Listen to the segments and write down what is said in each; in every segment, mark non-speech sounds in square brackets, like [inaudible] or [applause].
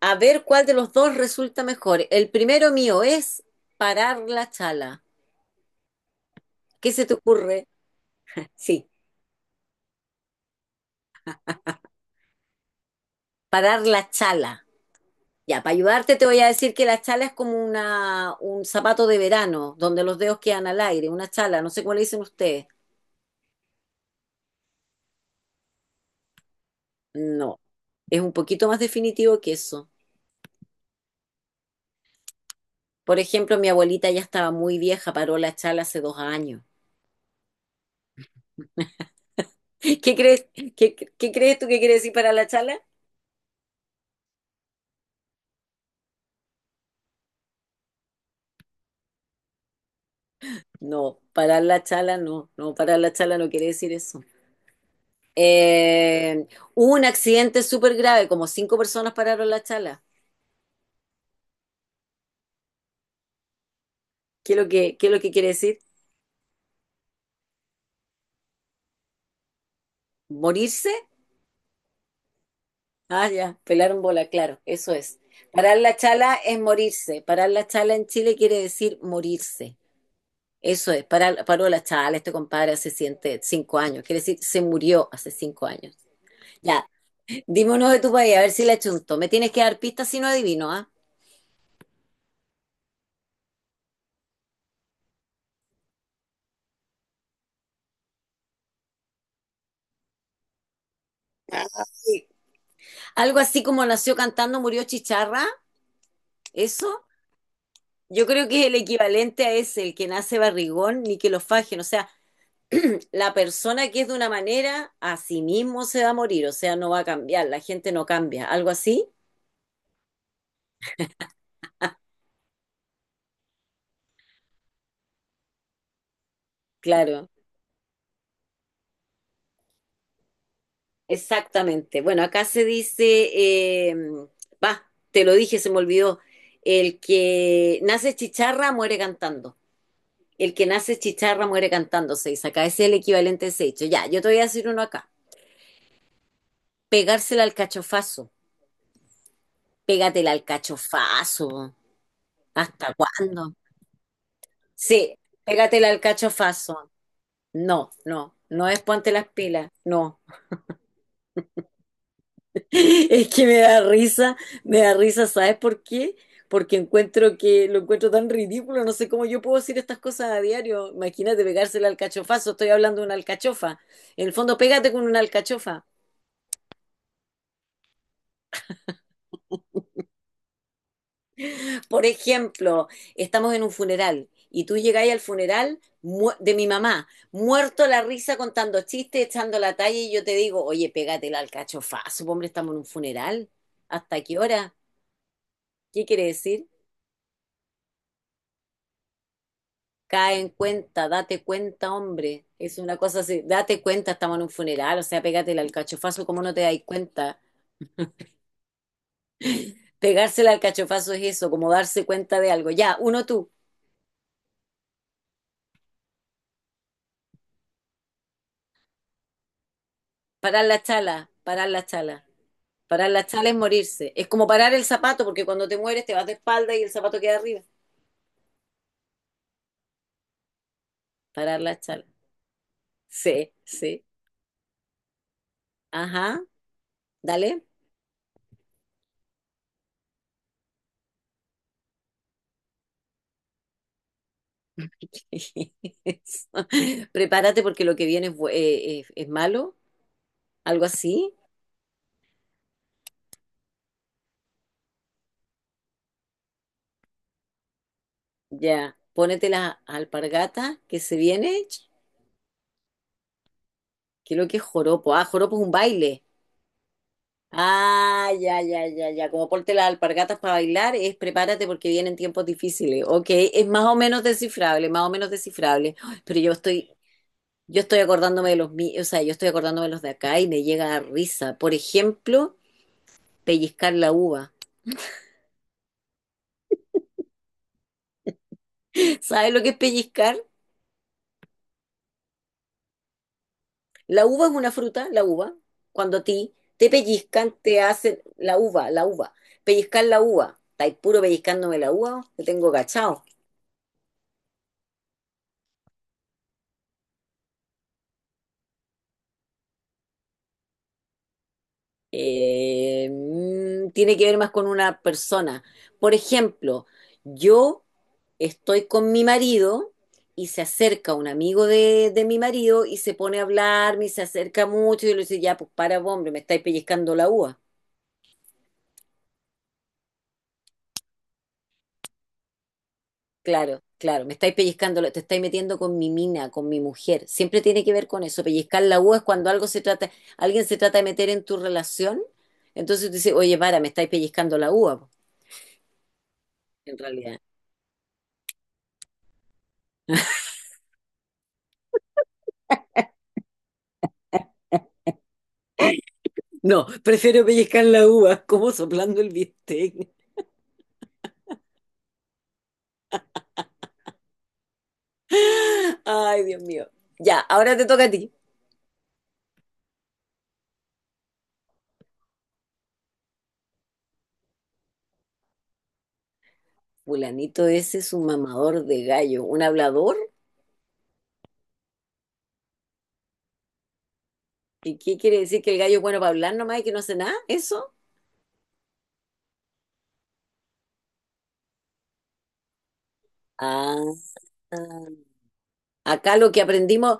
A ver cuál de los dos resulta mejor. El primero mío es parar la chala. ¿Qué se te ocurre? Sí, parar la chala. Ya, para ayudarte te voy a decir que la chala es como un zapato de verano, donde los dedos quedan al aire, una chala, no sé cómo le dicen ustedes. No, es un poquito más definitivo que eso. Por ejemplo, mi abuelita ya estaba muy vieja, paró la chala hace 2 años. [laughs] ¿Qué crees, qué crees tú que quiere decir parar la chala? No, parar la chala no, no, parar la chala no quiere decir eso. Eh, Hubo un accidente súper grave, como cinco personas pararon la chala. ¿Qué es lo que quiere decir? ¿Morirse? Ah, ya, pelaron bola, claro, eso es. Parar la chala es morirse. Parar la chala en Chile quiere decir morirse. Eso es, parar, paró la chala, este compadre hace siete- 5 años, quiere decir, se murió hace 5 años. Ya, dime uno de tu país, a ver si la chunto. Me tienes que dar pistas si no adivino, ¿ah? Ay. Algo así como nació cantando, murió chicharra, ¿eso? Yo creo que es el equivalente a ese, el que nace barrigón, ni que lo fajen. O sea, [clears throat] la persona que es de una manera, a sí mismo se va a morir, o sea, no va a cambiar, la gente no cambia. ¿Algo así? Claro, exactamente. Bueno, acá se dice, eh, va, te lo dije, se me olvidó. El que nace chicharra muere cantando. El que nace chicharra muere cantando, se dice. Acá ese es el equivalente a ese hecho. Ya, yo te voy a decir uno acá. Pegársela al cachofazo. Pégatela al cachofazo. ¿Hasta cuándo? Sí, pégatela al cachofazo. No, no, no es ponte las pilas, no. [laughs] Es que me da risa, ¿sabes por qué? Porque encuentro que lo encuentro tan ridículo, no sé cómo yo puedo decir estas cosas a diario. Imagínate pegársela al cachofazo, estoy hablando de una alcachofa. En el fondo, pégate con una alcachofa. Por ejemplo, estamos en un funeral y tú llegáis al funeral de mi mamá, muerto la risa contando chistes, echando la talla y yo te digo, oye, pégatela al cachofazo, hombre, estamos en un funeral. ¿Hasta qué hora? ¿Qué quiere decir? Cae en cuenta, date cuenta, hombre. Es una cosa así, date cuenta, estamos en un funeral, o sea, pégatela al cachofazo, ¿cómo no te dais cuenta? Pegársela al cachofazo es eso, como darse cuenta de algo. Ya, uno tú, parar la chala, parar la chala. Parar la chala es morirse. Es como parar el zapato, porque cuando te mueres te vas de espalda y el zapato queda arriba. Parar la chala. Sí, sí. Ajá, dale. [laughs] Eso. Prepárate porque lo que viene es malo, algo así. Ya, pónete las alpargatas que se viene. ¿Qué es lo que es joropo? Ah, joropo es un baile. Ah, ya, ya, ya, ya. Como ponte las alpargatas para bailar, es prepárate porque vienen tiempos difíciles. Ok, es más o menos descifrable, más o menos descifrable. Ay, pero yo estoy yo estoy acordándome de los míos, o sea, yo estoy acordándome de los de acá y me llega a risa. Por ejemplo, pellizcar la uva. [laughs] ¿Sabes lo que es pellizcar? La uva es una fruta, la uva. Cuando a ti te pellizcan, te hacen la uva, la uva. Pellizcar la uva. Estáis puro pellizcándome la uva, te tengo cachado. Tiene que ver más con una persona. Por ejemplo, yo estoy con mi marido y se acerca un amigo de mi marido y se pone a hablarme y se acerca mucho y yo le digo, ya, pues para, vos, hombre, me estáis pellizcando la uva. Claro, claro, me estáis pellizcando, te estáis metiendo con mi mina, con mi mujer. Siempre tiene que ver con eso. Pellizcar la uva es cuando algo se trata, alguien se trata de meter en tu relación. Entonces tú dices, oye, para, me estáis pellizcando la uva, po, en realidad. No, prefiero pellizcar la uva como soplando el bistec. [laughs] Ay, Dios mío. Ya, ahora te toca a ti. Fulanito ese es un mamador de gallo, un hablador. ¿Y qué quiere decir que el gallo es bueno para hablar nomás y que no hace nada? ¿Eso? Ah, ah. acá lo que aprendimos,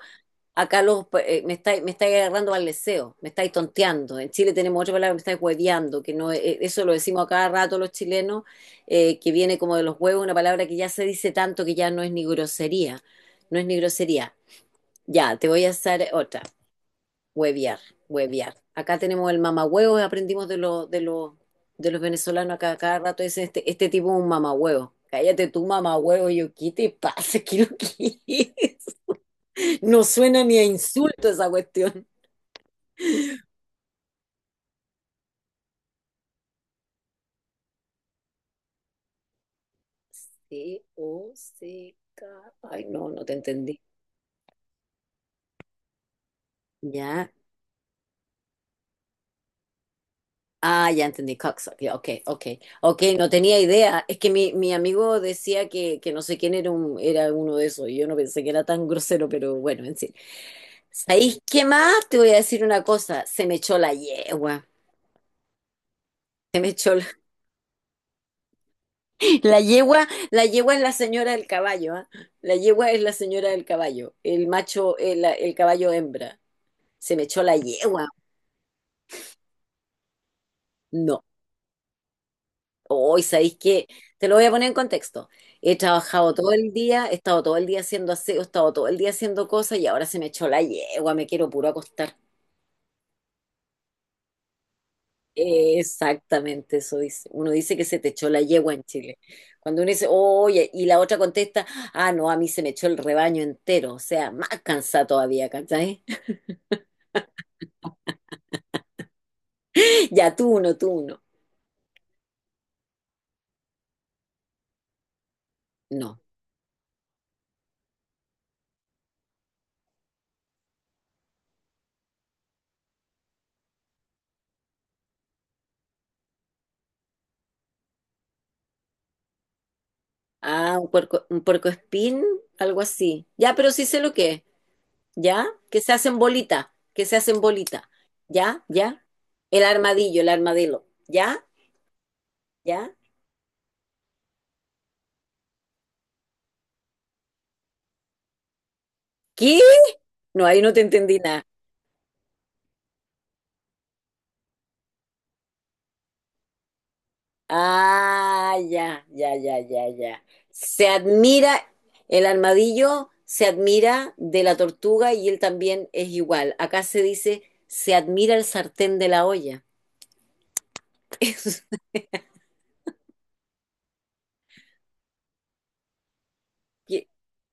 Acá los, pues, me estáis agarrando al leseo, me estáis tonteando. En Chile tenemos otra palabra, me estáis hueveando, que no, eso lo decimos a cada rato los chilenos, que viene como de los huevos, una palabra que ya se dice tanto que ya no es ni grosería, no es ni grosería. Ya, te voy a hacer otra, huevear, huevear. Acá tenemos el mamahuevo, aprendimos de los venezolanos acá a cada rato, dicen este, este tipo es un mamahuevo. Cállate tú, mamahuevo, y yo, ¿qué te pasa? [laughs] ¿Qué lo que es? No suena ni a insulto esa cuestión. C-O-C-K. Ay, no, no te entendí. Ya. Ah, ya entendí. Cocksucker. Ya, ok, ok. Ok, no tenía idea. Es que mi amigo decía que, que no sé quién era, era uno de esos. Y yo no pensé que era tan grosero, pero bueno, en fin. ¿Sabéis qué más? Te voy a decir una cosa. Se me echó la yegua. Se me echó la, [laughs] la yegua. La yegua es la señora del caballo, ¿ah? La yegua es la señora del caballo. El macho, el caballo hembra. Se me echó la yegua. No. Hoy, ¿sabéis qué? Te lo voy a poner en contexto. He trabajado todo el día, he estado todo el día haciendo aseo, he estado todo el día haciendo cosas y ahora se me echó la yegua, me quiero puro acostar. Exactamente eso dice. Uno dice que se te echó la yegua en Chile. Cuando uno dice, oye, y la otra contesta, ah, no, a mí se me echó el rebaño entero, o sea, más cansada todavía, ¿cachai? [laughs] Ya tú uno, tú uno. No. Ah, un puerco, un puercoespín, algo así. Ya, pero sí sé lo que es. ¿Ya? Que se hacen bolita, que se hacen bolita, ¿ya? ¿Ya? El armadillo, ¿ya? ¿Ya? ¿Qué? No, ahí no te entendí nada. Ah, ya, ya, ya, ya, ya. Se admira, el armadillo se admira de la tortuga y él también es igual. Acá se dice, se admira el sartén de la olla. [laughs] que,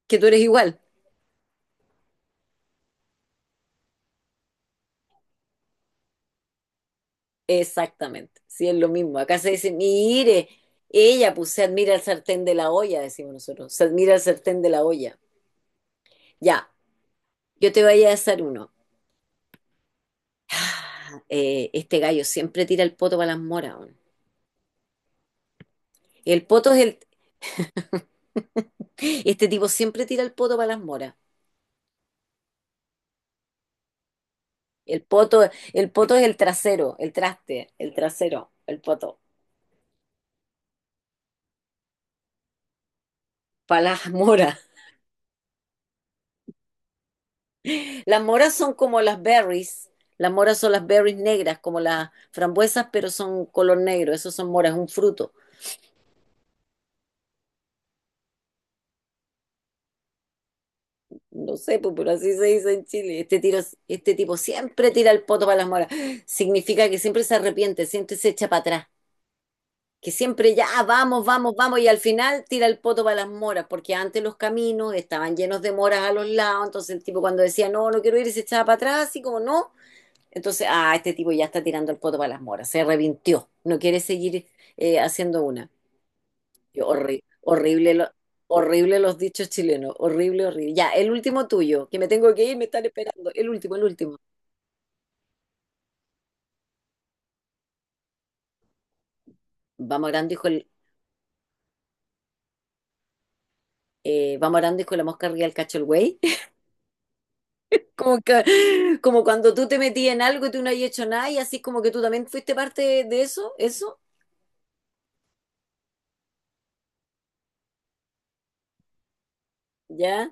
que tú eres igual. Exactamente, sí, es lo mismo. Acá se dice, mire, ella, pues se admira el sartén de la olla, decimos nosotros, se admira el sartén de la olla. Ya, yo te voy a hacer uno. Ah, este gallo siempre tira el poto para las moras. Weón. El poto es el, Este tipo siempre tira el poto para las moras. El poto, el poto es el trasero, el traste, el trasero, el poto, para las moras. Las moras son como las berries. Las moras son las berries negras, como las frambuesas, pero son color negro. Esos son moras, un fruto. No sé, pues, pero así se dice en Chile. Este tipo siempre tira el poto para las moras. Significa que siempre se arrepiente, siempre se echa para atrás. Que siempre ya vamos, vamos, vamos. Y al final tira el poto para las moras, porque antes los caminos estaban llenos de moras a los lados. Entonces el tipo cuando decía, no, no quiero ir, y se echaba para atrás, así como no. Entonces, ah, este tipo ya está tirando el poto para las moras, se revintió, no quiere seguir haciendo una. Yo, horri- horrible, lo- Horrible los dichos chilenos, horrible, horrible. Ya, el último tuyo, que me tengo que ir, me están esperando. El último, el último. Vamos orando, hijo, el, vamos orando, hijo, la mosca arriba del cacho el güey. [laughs] Como, como cuando tú te metías en algo y tú no habías hecho nada y así como que tú también fuiste parte de eso, eso, ya.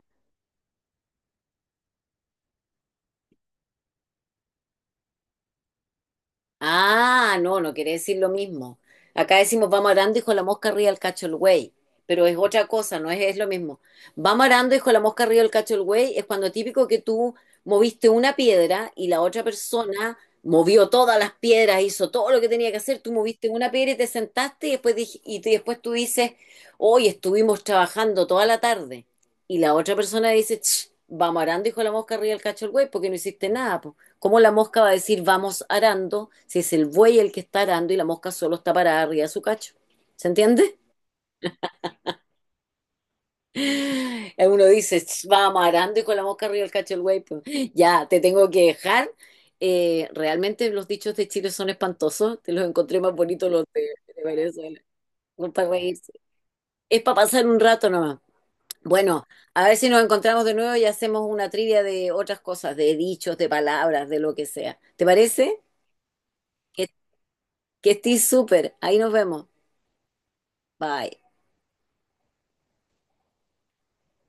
Ah, no, no quiere decir lo mismo. Acá decimos vamos arando, hijo de la mosca arriba el cacho el güey, pero es otra cosa, no es, es lo mismo. Vamos arando, hijo de la mosca arriba el cacho el güey, es cuando típico que tú moviste una piedra y la otra persona movió todas las piedras, hizo todo lo que tenía que hacer, tú moviste una piedra y te sentaste y después, después tú dices, hoy estuvimos trabajando toda la tarde. Y la otra persona dice, "Ch, vamos arando, hijo de la mosca arriba el cacho el güey, porque no hiciste nada, po". ¿Cómo la mosca va a decir vamos arando si es el buey el que está arando y la mosca solo está parada arriba de su cacho? ¿Se entiende? [laughs] Uno dice, vamos arando y con la mosca arriba del cacho del buey, pues, ya, te tengo que dejar. Realmente los dichos de Chile son espantosos, te los encontré más bonitos los de, Venezuela, no para reírse. Es para pasar un rato nomás. Bueno, a ver si nos encontramos de nuevo y hacemos una trivia de otras cosas, de dichos, de palabras, de lo que sea. ¿Te parece? Que Que estés súper. Ahí nos vemos. Bye.